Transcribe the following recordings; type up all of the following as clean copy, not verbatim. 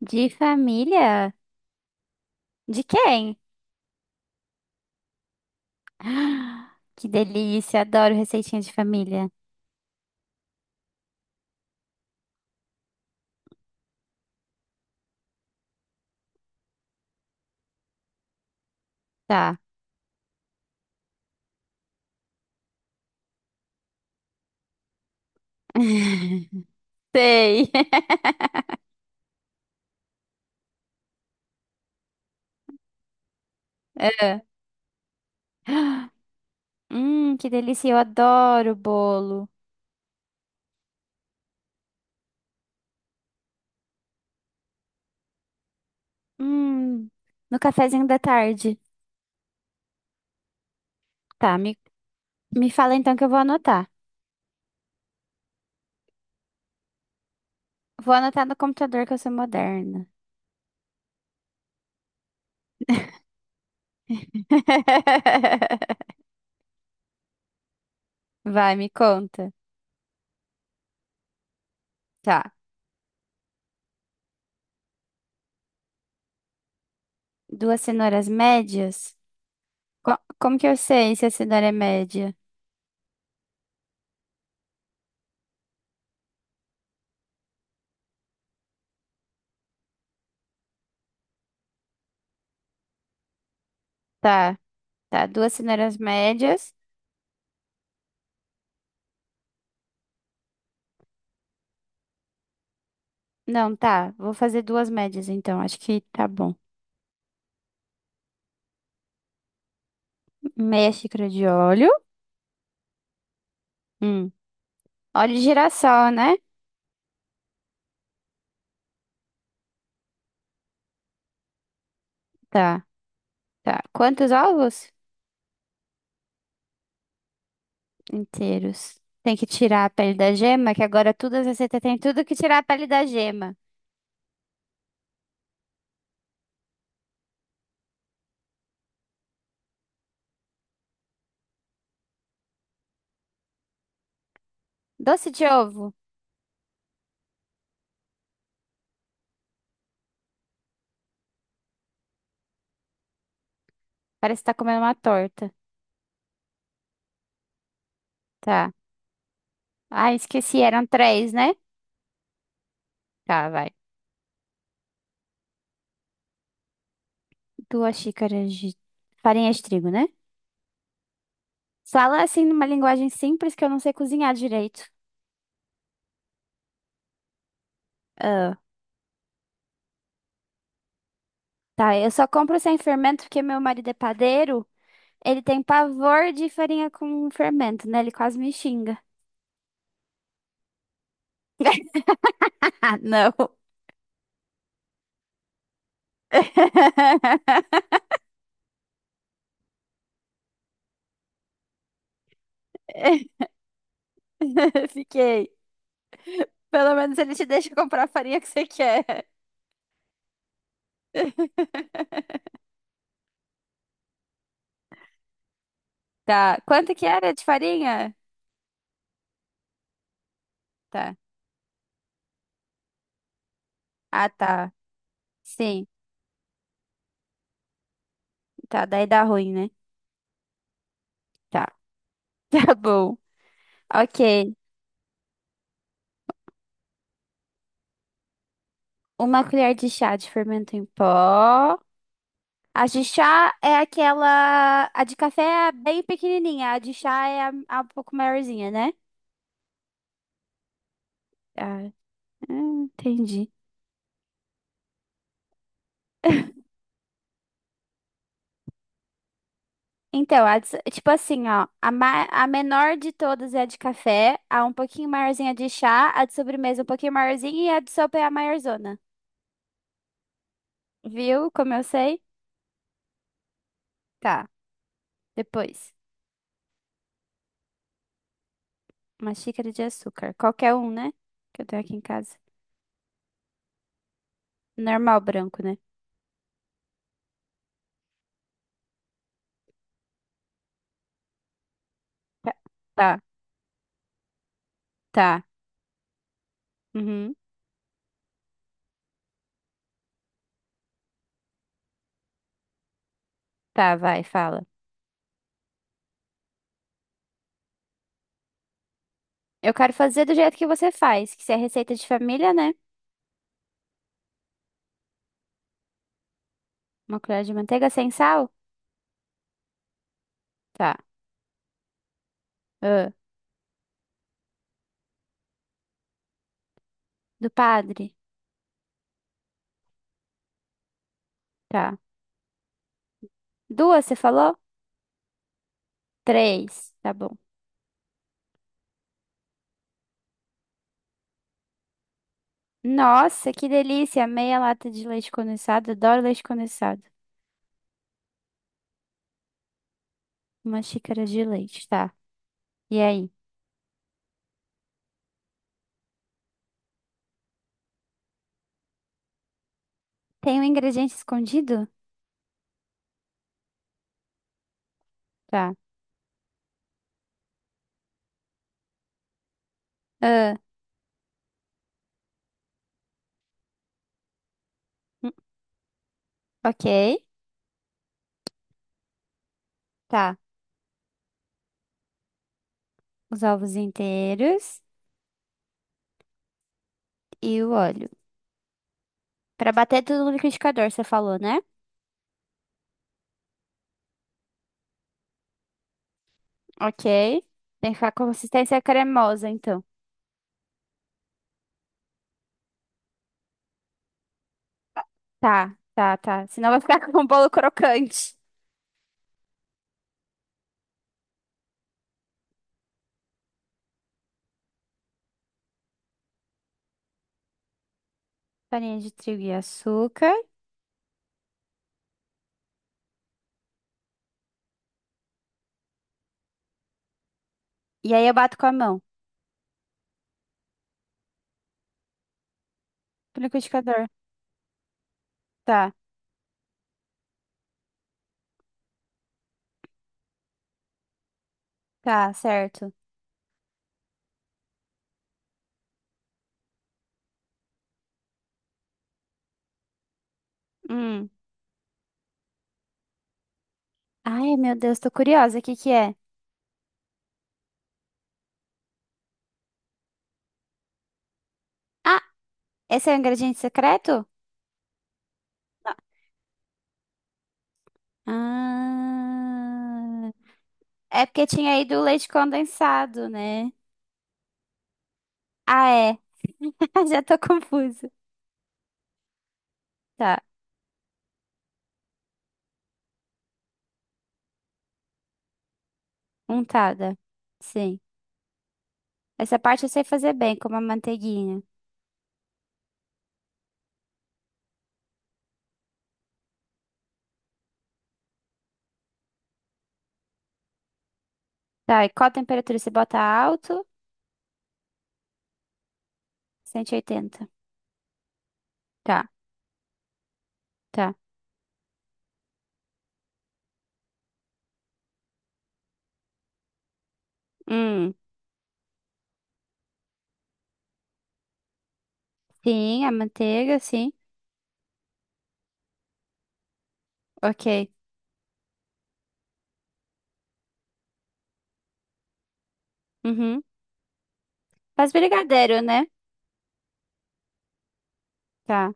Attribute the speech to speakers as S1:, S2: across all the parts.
S1: De família? De quem? Ah, que delícia, adoro receitinha de família. Tá. Sei. É. Que delícia, eu adoro bolo. Hum, no cafezinho da tarde. Tá, me fala então que eu vou anotar. Vou anotar no computador que eu sou moderna. Vai, me conta. Tá. Duas cenouras médias? Co- como que eu sei se a cenoura é média? Tá, tá. Duas cenouras médias. Não, tá. Vou fazer duas médias então. Acho que tá bom. Meia xícara de óleo. Hum. Óleo de girassol, né? Tá, tá. Quantos ovos? Inteiros. Tem que tirar a pele da gema, que agora tudo as receitas têm tudo que tirar a pele da gema. Doce de ovo. Parece que tá comendo uma torta. Tá. Ah, esqueci, eram três, né? Tá, vai. Duas xícaras de farinha de trigo, né? Fala assim numa linguagem simples que eu não sei cozinhar direito. Tá, eu só compro sem fermento porque meu marido é padeiro. Ele tem pavor de farinha com fermento, né? Ele quase me xinga. Ah, não. Fiquei. Pelo menos ele te deixa comprar a farinha que você quer. Tá. Quanto que era de farinha? Tá. Ah, tá. Sim. Tá, daí dá ruim, né? Tá. Tá bom. Ok. Uma colher de chá de fermento em pó. A de chá é aquela. A de café é bem pequenininha, a de chá é a um pouco maiorzinha, né? Ah, entendi. Então, a de- tipo assim, ó, a menor de todas é a de café, a um pouquinho maiorzinha é de chá, a de sobremesa um pouquinho maiorzinha e a de sopa é a maiorzona. Viu como eu sei? Tá, depois. Uma xícara de açúcar. Qualquer um, né? Que eu tenho aqui em casa. Normal branco, né? Tá, tá. Tá, uhum. Tá, vai, fala. Eu quero fazer do jeito que você faz, que se é receita de família, né? Uma colher de manteiga sem sal? Tá. Ah, do padre? Tá. Duas, você falou? Três. Tá bom. Nossa, que delícia! Meia lata de leite condensado. Adoro leite condensado. Uma xícara de leite, tá. E aí? Tem um ingrediente escondido? Tá. Ah, hum, ok. Tá. Os ovos inteiros e o óleo. Pra bater tudo no liquidificador, você falou, né? Ok. Tem que ficar com consistência cremosa, então. Tá, tá, tá. Senão vai ficar com um bolo crocante. Farinha de trigo e açúcar. E aí eu bato com a mão. No liquidificador. Tá, tá, certo. Hum. Ai, meu Deus, tô curiosa. O que que é? Ah, esse é o ingrediente secreto? Não. Ah. É porque tinha aí do leite condensado, né? Ah, é. Já tô confusa. Tá, untada. Sim. Essa parte eu sei fazer bem, como a manteiguinha. Tá, e qual a temperatura? Você bota alto? 180. Tá. Tá. Hum, sim, a manteiga, sim. Ok. Uhum. Faz brigadeiro, né? Tá,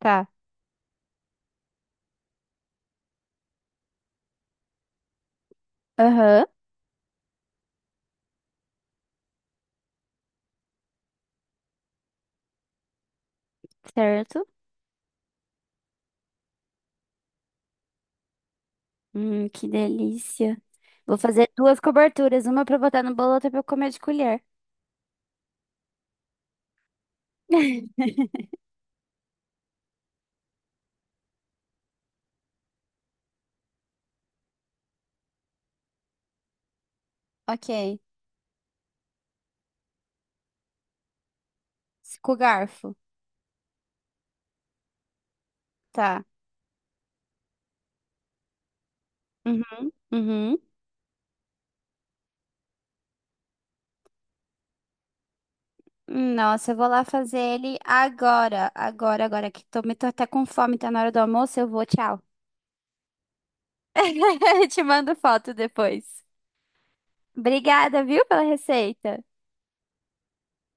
S1: tá. Aham, certo. Que delícia. Vou fazer duas coberturas, uma pra botar no bolo, outra pra eu comer de colher. Ok. Com garfo. Tá. Uhum, uhum. Nossa, eu vou lá fazer ele agora. Agora, agora que tô até com fome, tá na hora do almoço, eu vou, tchau. Te mando foto depois. Obrigada, viu, pela receita.